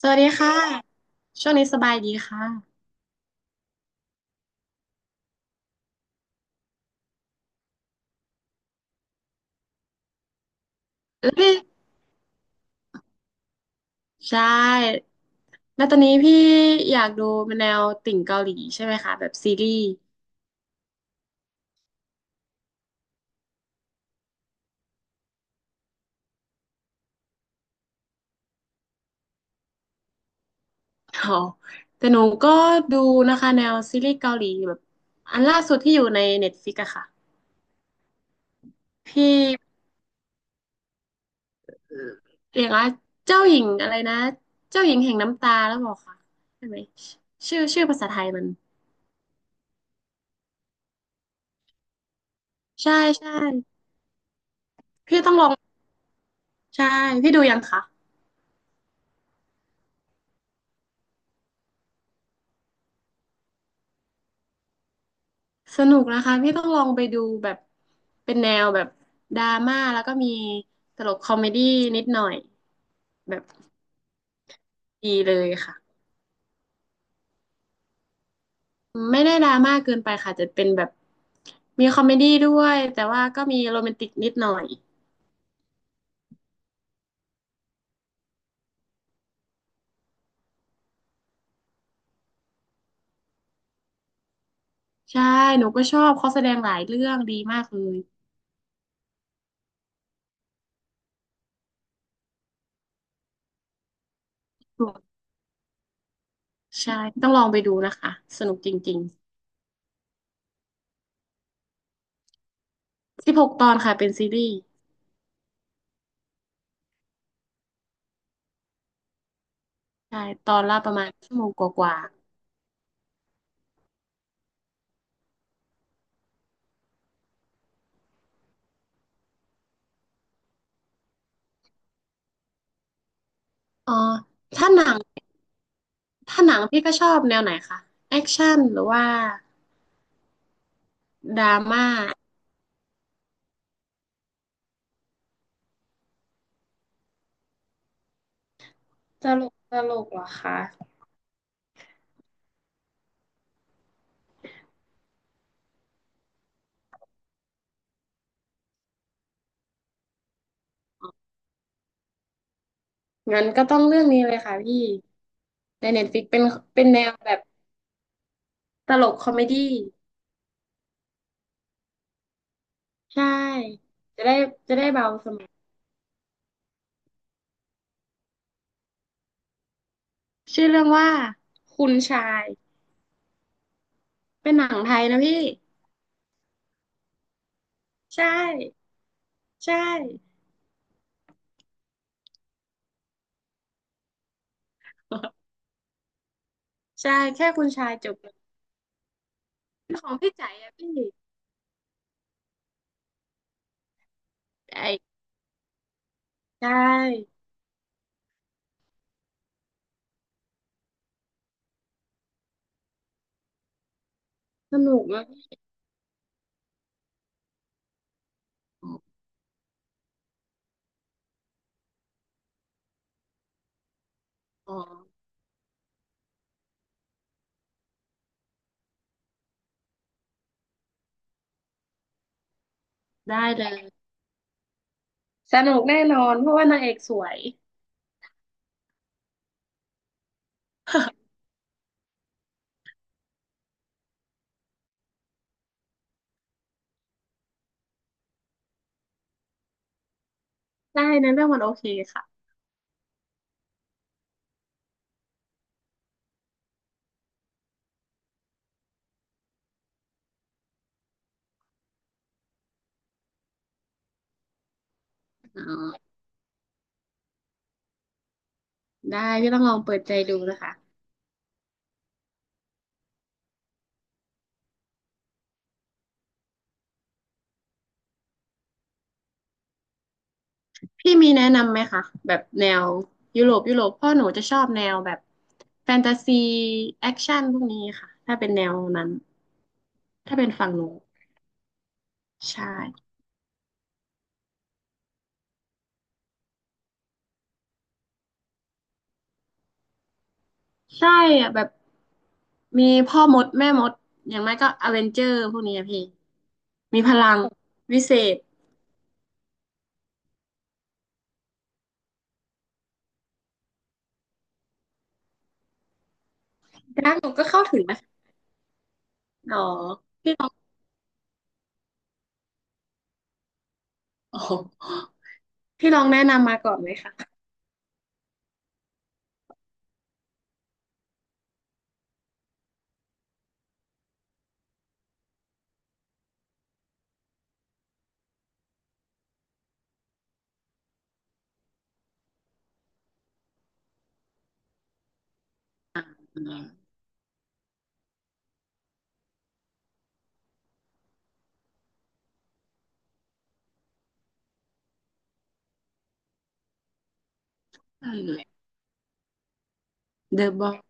สวัสดีค่ะช่วงนี้สบายดีค่ะแล้วพี่ใช่แล้วตอนนี้พี่อยากดูแนวติ่งเกาหลีใช่ไหมคะแบบซีรีส์อ๋อแต่หนูก็ดูนะคะแนวซีรีส์เกาหลีแบบอันล่าสุดที่อยู่ในเน็ตฟ i ิกอะค่ะพี่เรียกว่าเจ้าหญิงอะไรนะเจ้าหญิงแห่งน้ำตาแล้วบอกค่ะใช่ไหมชื่อชื่อภาษาไทยมันใช่ใช่พี่ต้องลองใช่พี่ดูยังคะ สนุกนะคะพี่ต้องลองไปดูแบบเป็นแนวแบบดราม่าแล้วก็มีตลกคอมเมดี้นิดหน่อยแบบดีเลยค่ะไม่ได้ดราม่าเกินไปค่ะจะเป็นแบบมีคอมเมดี้ด้วยแต่ว่าก็มีโรแมนติกนิดหน่อยใช่หนูก็ชอบเขาแสดงหลายเรื่องดีมากเลยใช่ต้องลองไปดูนะคะสนุกจริงๆ16ตอนค่ะเป็นซีรีส์ใช่ตอนละประมาณชั่วโมงกว่าๆอ๋อถ้าหนัง ถ้าหนังพี่ก็ชอบแนวไหนคะแอคชั่นหรือว่าดราม่าจะงั้นก็ต้องเรื่องนี้เลยค่ะพี่ในเน็ตฟิกเป็นเป็นแนวแบบตลกคอมเมดี้ใช่จะได้จะได้เบาสมองชื่อเรื่องว่าคุณชายเป็นหนังไทยนะพี่ใช่ใช่ใช่แค่คุณชายจบเลยของพี่ใจอะพี่ไอ้ใช่สนุกมากพี่อ๋อได้เลยสนุกแน่นอนเพราะว่านางเอกสวย ได้นะเรื่องมันโอเคค่ะอ๋อได้พี่ต้องลองเปิดใจดูนะคะพี่มีแนะนำไหมคะแบบแนวยุโรปยุโรปเพ่อหนูจะชอบแนวแบบแฟนตาซีแอคชั่นพวกนี้ค่ะถ้าเป็นแนวนั้นถ้าเป็นฝั่งหนูใช่ใช่อะแบบมีพ่อมดแม่มดอย่างไม่ก็อเวนเจอร์พวกนี้อะพี่มีพลังวิเศษดักหนูก็เข้าถึงนะคะอ๋ออ๋อพี่ลองแนะนำมาก่อนไหมคะอ่าได้เลย The Boy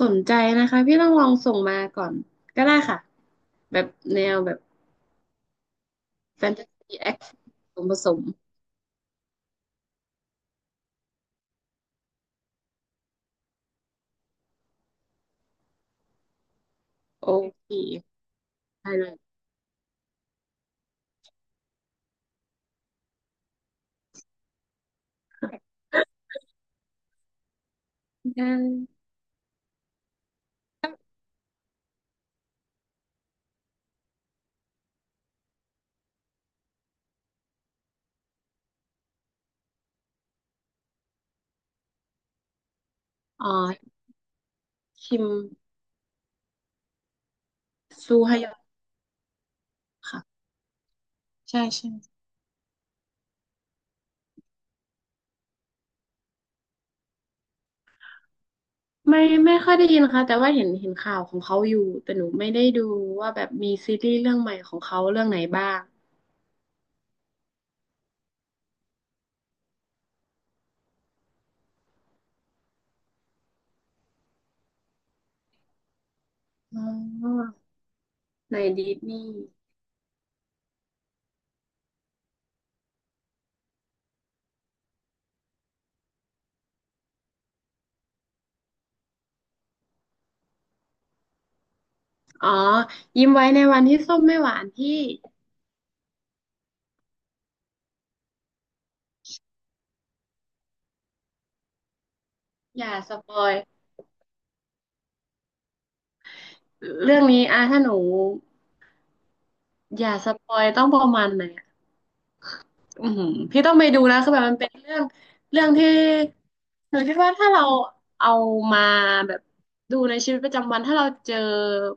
สนใจนะคะพี่ต้องลองส่งมาก่อนก็ได้ค่ะแบบแนวแบบแฟนตาซีแอคชั่นผสมมโอเคได้เลยได้อ๋อคิมซูฮยอนค่ะใช่ใช่ไม่ไม่ค่อยได้ยินค่ะแต่ว่าเห็นข่าวของเขาอยู่แต่หนูไม่ได้ดูว่าแบบมีซีรีส์เรื่องใหม่ของเขาเรื่องไหนบ้างอ๋อในดิสนีย์อ๋อยิ้มไว้ในวันที่ส้มไม่หวานที่อย่าสปอยเรื่องนี้อ่ะถ้าหนู อย่าสปอยต้องประมาณไหนอะอือหือพี่ต้องไปดูนะคือแบบมันเป็นเรื่องเรื่องที่หนูคิดว่าถ้าเราเอามาแบบดูในชีวิตประจำวันถ้าเราเจอ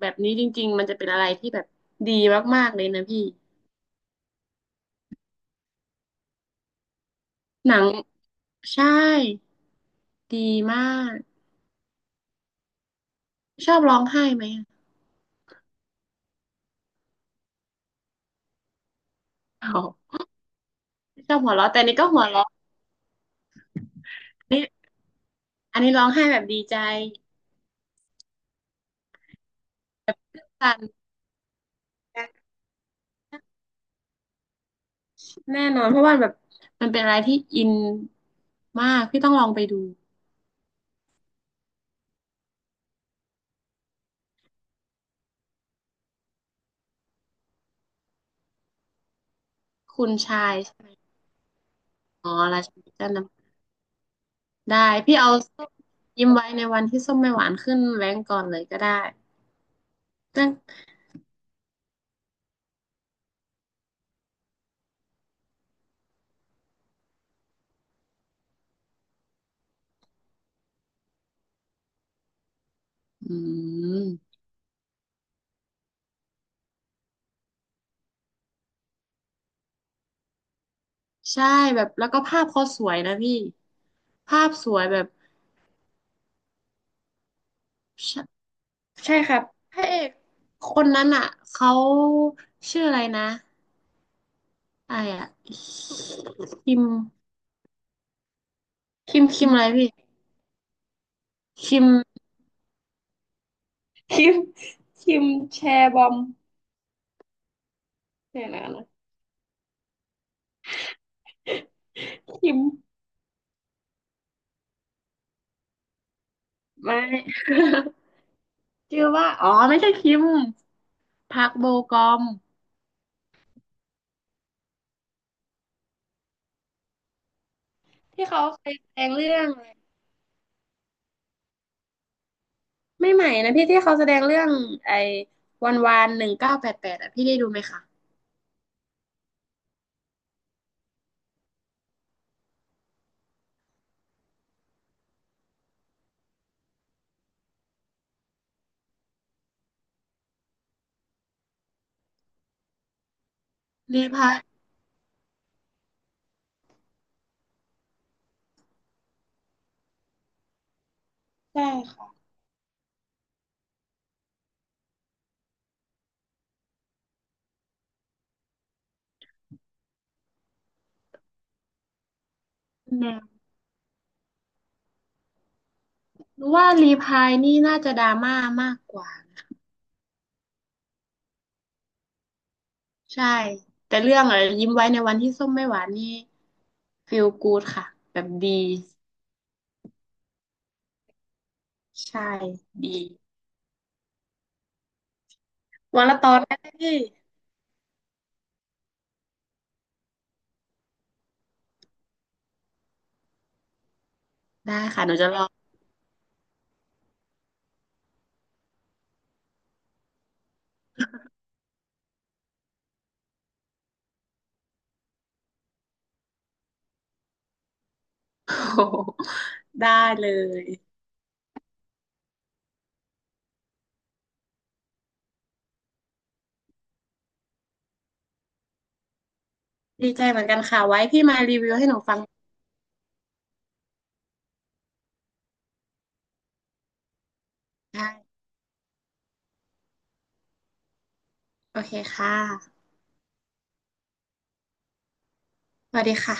แบบนี้จริงๆมันจะเป็นอะไรที่แบบดีมากๆเลยนะพี่หนังใช่ดีมากชอบร้องไห้ไหมอะอ๋อชอบหัวเราะแต่อันนี้ก็หัวเราะอันนี้ร้องไห้แบบดีใจสั่นแน่นอนเพราะว่าแบบมันเป็นอะไรที่อินมากพี่ต้องลองไปดู คุณชายใช่ไหมอ๋อราชินีเจ้าน้ำได้พี่เอาส้มยิ้มไว้ในวันที่ส้มไม่หวานขึ้นแรงกก่อนเลยก็ได้ตั้งอืมใช่แบบแล้วก็ภาพเขาสวยนะพี่ภาพสวยแบบใช่ใช่ครับพระเอกคนนั้นอ่ะเขาชื่ออะไรนะไอ้อะคิมคิมคิมอะไรพี่คิมคิมคิมแชร์บอมเนี่ยนะนะคิมไม่ ชื่อว่าอ๋อไม่ใช่คิม พักโบกอมที่เขาเคยแสดงเรื่องไม่ใหม่นะพี่ที่เขาแสดงเรื่องไอ้วันวาน1988อ่ะพี่ได้ดูไหมคะรีพายใช่ค่ะแนวหรือว่ารีพายนี่น่าจะดราม่ามากกว่านะใช่แต่เรื่องอะยิ้มไว้ในวันที่ส้มไม่หวานนี่ฟีลกู o ดค่ะแบบดีใช่ดีวันละตอนนมพี่ได้ค่ะหนูจะลอง โอ้โหได้เลยดีใจเหมือนกันค่ะไว้พี่มารีวิวให้หนูฟังได้ โอเคค่ะสวัสดีค่ะ